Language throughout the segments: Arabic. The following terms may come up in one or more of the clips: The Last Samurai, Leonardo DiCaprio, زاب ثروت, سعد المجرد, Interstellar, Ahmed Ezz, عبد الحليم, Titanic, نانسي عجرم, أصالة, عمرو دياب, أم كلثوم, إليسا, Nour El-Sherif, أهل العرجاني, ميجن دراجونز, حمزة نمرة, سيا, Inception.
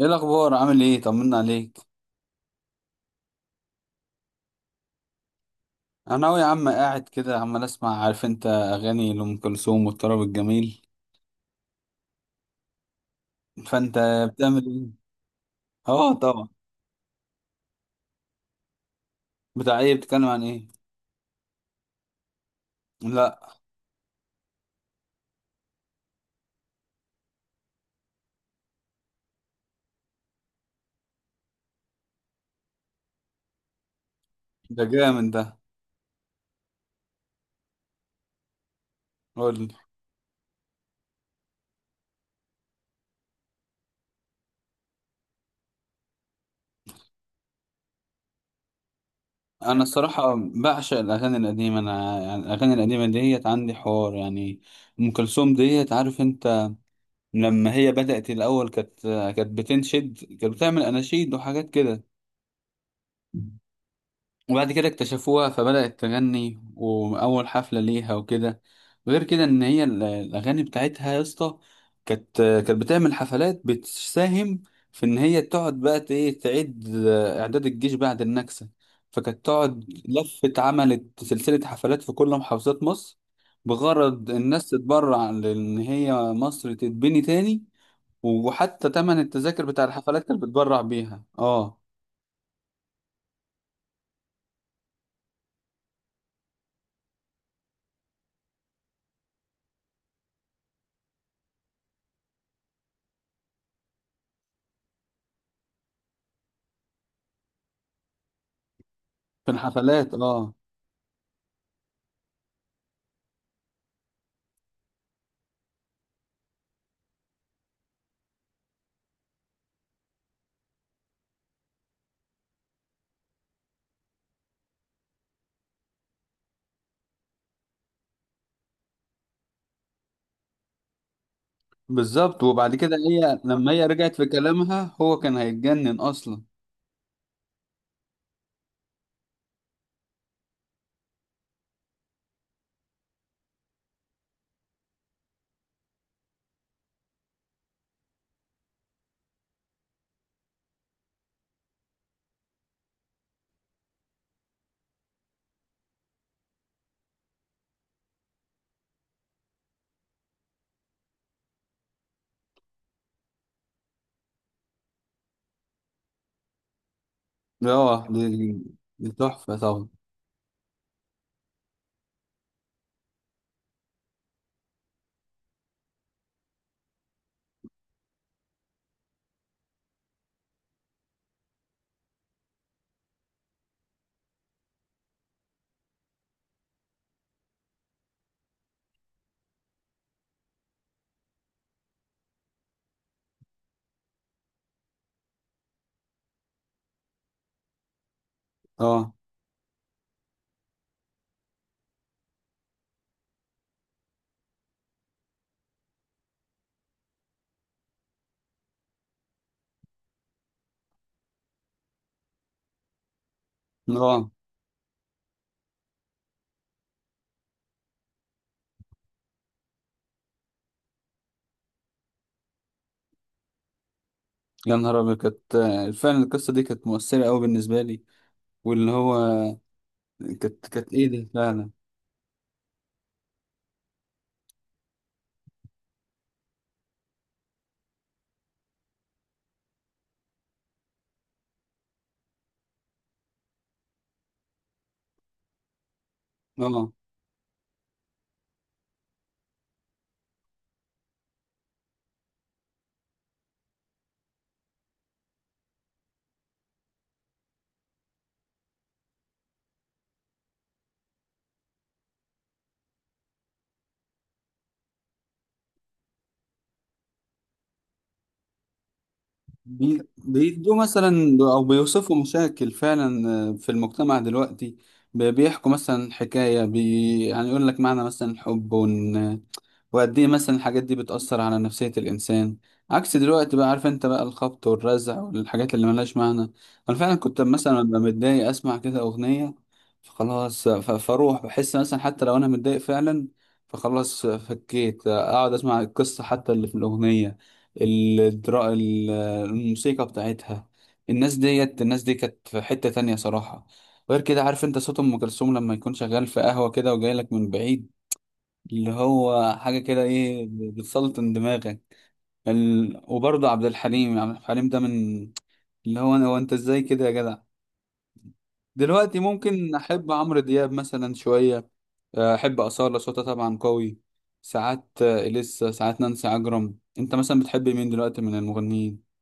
ايه الاخبار؟ عامل ايه؟ طمنا عليك. انا أهو يا عم، قاعد كده عمال اسمع، عارف انت، اغاني لام كلثوم والطرب الجميل. فانت بتعمل ايه؟ اه، طبعا. بتاع ايه؟ بتتكلم عن ايه؟ لا. ده جامد ده. قول لي. انا الصراحه بعشق الاغاني القديمه، انا يعني الاغاني القديمه ديت عندي حوار يعني. ام كلثوم ديت، عارف انت؟ لما هي بدات الاول كانت بتنشد، كانت بتعمل اناشيد وحاجات كده. وبعد كده اكتشفوها، فبدأت تغني، وأول حفلة ليها وكده. غير كده إن هي الأغاني بتاعتها يا اسطى. كانت بتعمل حفلات، بتساهم في إن هي تقعد بقى ت- إيه تعيد إعداد الجيش بعد النكسة. فكانت تقعد لفت، عملت سلسلة حفلات في كل محافظات مصر. بغرض الناس تتبرع، لأن هي مصر تتبني تاني. وحتى تمن التذاكر بتاع الحفلات كانت بتبرع بيها. اه. في الحفلات. اه. بالظبط. وبعد كده لما هي رجعت في كلامها هو كان هيتجنن اصلا. اه، دي تحفه طبعا. اه. اه، يا نهار ابيض. كانت فعلا القصه دي كانت مؤثره قوي بالنسبه لي. واللي هو كانت ايه ده فعلا. اه. بيدوا مثلا او بيوصفوا مشاكل فعلا في المجتمع دلوقتي. بيحكوا مثلا حكايه بي. يعني يقول لك معنى مثلا الحب، وقد ايه مثلا الحاجات دي بتأثر على نفسية الإنسان. عكس دلوقتي بقى، عارف انت، بقى الخبط والرزع والحاجات اللي ملهاش معنى. انا فعلا كنت مثلا ببقى متضايق، اسمع كده أغنية، فخلاص فاروح بحس مثلا حتى لو انا متضايق فعلا، فخلاص فكيت اقعد اسمع القصة حتى اللي في الأغنية. الدرا... ال- الموسيقى بتاعتها. الناس دي كانت في حتة تانية صراحة. غير كده، عارف انت، صوت ام كلثوم لما يكون شغال في قهوة كده وجاي لك من بعيد، اللي هو حاجة كده ايه، بتسلطن دماغك. وبرضه عبد الحليم ده من اللي هو، انا هو، انت ازاي كده يا جدع. دلوقتي ممكن احب عمرو دياب مثلا شوية، احب أصالة صوتها طبعا قوي ساعات، إليسا ساعات، نانسي عجرم. انت مثلا بتحب مين دلوقتي من المغنيين؟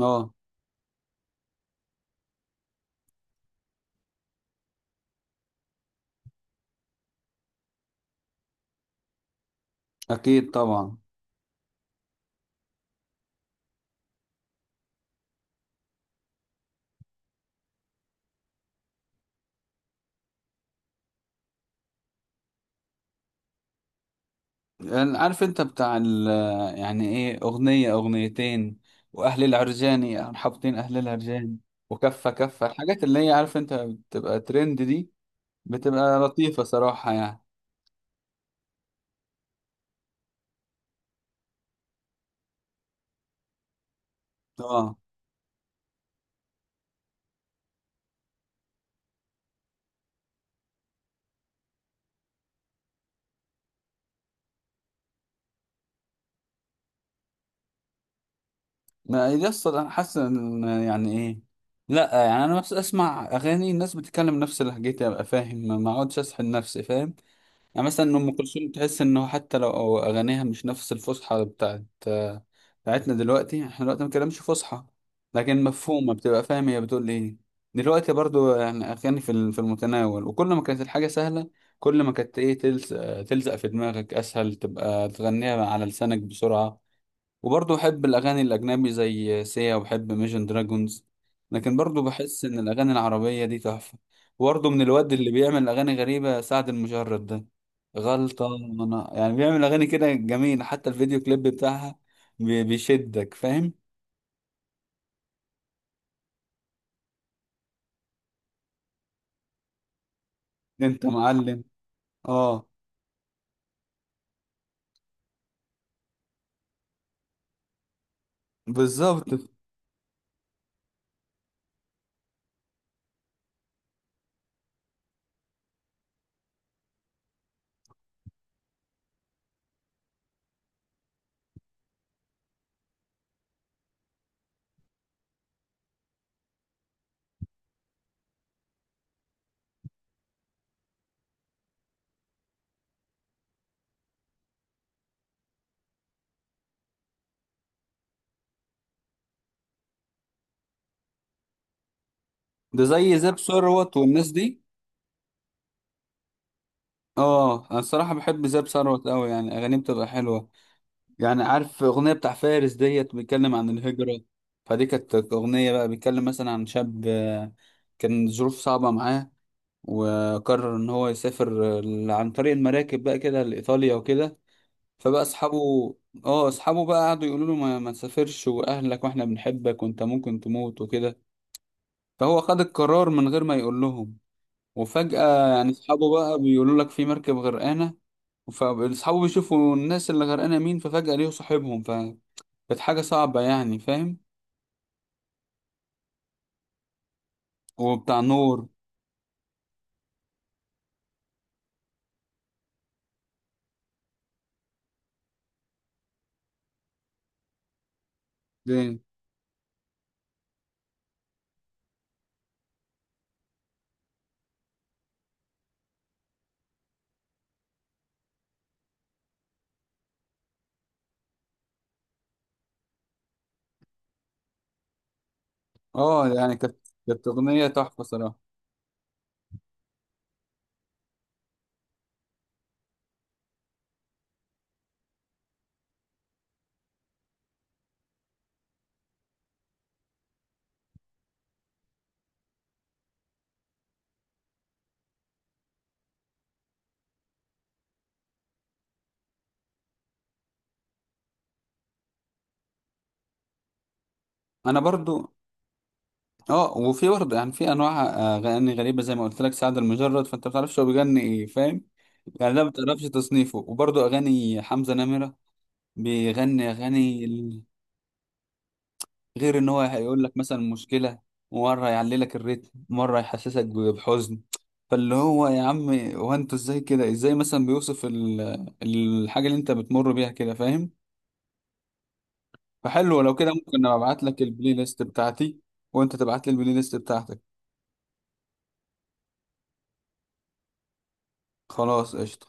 اه، اكيد طبعا. يعني عارف انت بتاع ال، يعني ايه، اغنية اغنيتين، واهل العرجاني، يعني حاطين اهل العرجاني وكفة كفة، الحاجات اللي هي عارف انت بتبقى ترند دي، بتبقى لطيفة صراحة يعني. اه، ما يصل. انا حاسس ان يعني ايه، لا يعني انا بس اسمع اغاني الناس بتتكلم نفس لهجتي، ابقى فاهم، ما اقعدش اسحل نفسي فاهم. يعني مثلا ام كلثوم تحس انه حتى لو اغانيها مش نفس الفصحى بتاعتنا دلوقتي. احنا دلوقتي ما بنتكلمش فصحى، لكن مفهومه، بتبقى فاهم هي بتقول ايه. دلوقتي برضو يعني اغاني في المتناول، وكل ما كانت الحاجه سهله، كل ما كانت ايه، تلزق في دماغك اسهل، تبقى تغنيها على لسانك بسرعه. وبرضه بحب الأغاني الأجنبي زي سيا، وبحب ميجن دراجونز، لكن برضه بحس إن الأغاني العربية دي تحفة. وبرضه من الواد اللي بيعمل أغاني غريبة، سعد المجرد ده، غلطة. أنا يعني بيعمل أغاني كده جميلة، حتى الفيديو كليب بتاعها بيشدك فاهم. أنت معلم. أه، بالظبط. ده زي زاب ثروت والناس دي. أه، أنا الصراحة بحب زاب ثروت أوي، يعني أغانيه بتبقى حلوة. يعني عارف أغنية بتاع فارس ديت، بيتكلم عن الهجرة. فدي كانت أغنية بقى بيتكلم مثلا عن شاب كان ظروف صعبة معاه، وقرر إن هو يسافر عن طريق المراكب بقى كده لإيطاليا وكده. فبقى أصحابه، اه، أصحابه بقى قعدوا يقولوا له: ما تسافرش وأهلك وإحنا بنحبك وأنت ممكن تموت وكده. فهو خد القرار من غير ما يقول لهم. وفجأة يعني أصحابه بقى بيقولوا لك في مركب غرقانة، فأصحابه بيشوفوا الناس اللي غرقانة مين، ففجأة ليه صاحبهم. كانت حاجة صعبة يعني، فاهم؟ وبتاع نور دي، اه يعني كانت، كانت أغنية تحفة صراحة. أنا برضو. اه، وفي برضه يعني في أنواع أغاني غريبة، زي ما قلت لك سعد المجرد، فأنت ما بتعرفش هو بيغني إيه فاهم. يعني ده ما بتعرفش تصنيفه. وبرضه أغاني حمزة نمرة، بيغني أغاني غير إن هو هيقول لك مثلا مشكلة، مرة يعلي لك الريتم، مرة يحسسك بحزن، فاللي هو يا عم، هو انتوا ازاي كده، ازاي مثلا بيوصف الحاجة اللي انت بتمر بيها كده، فاهم؟ فحلو لو كده، ممكن ابعت لك البلاي ليست بتاعتي وانت تبعت لي البلاي ليست بتاعتك. خلاص قشطة.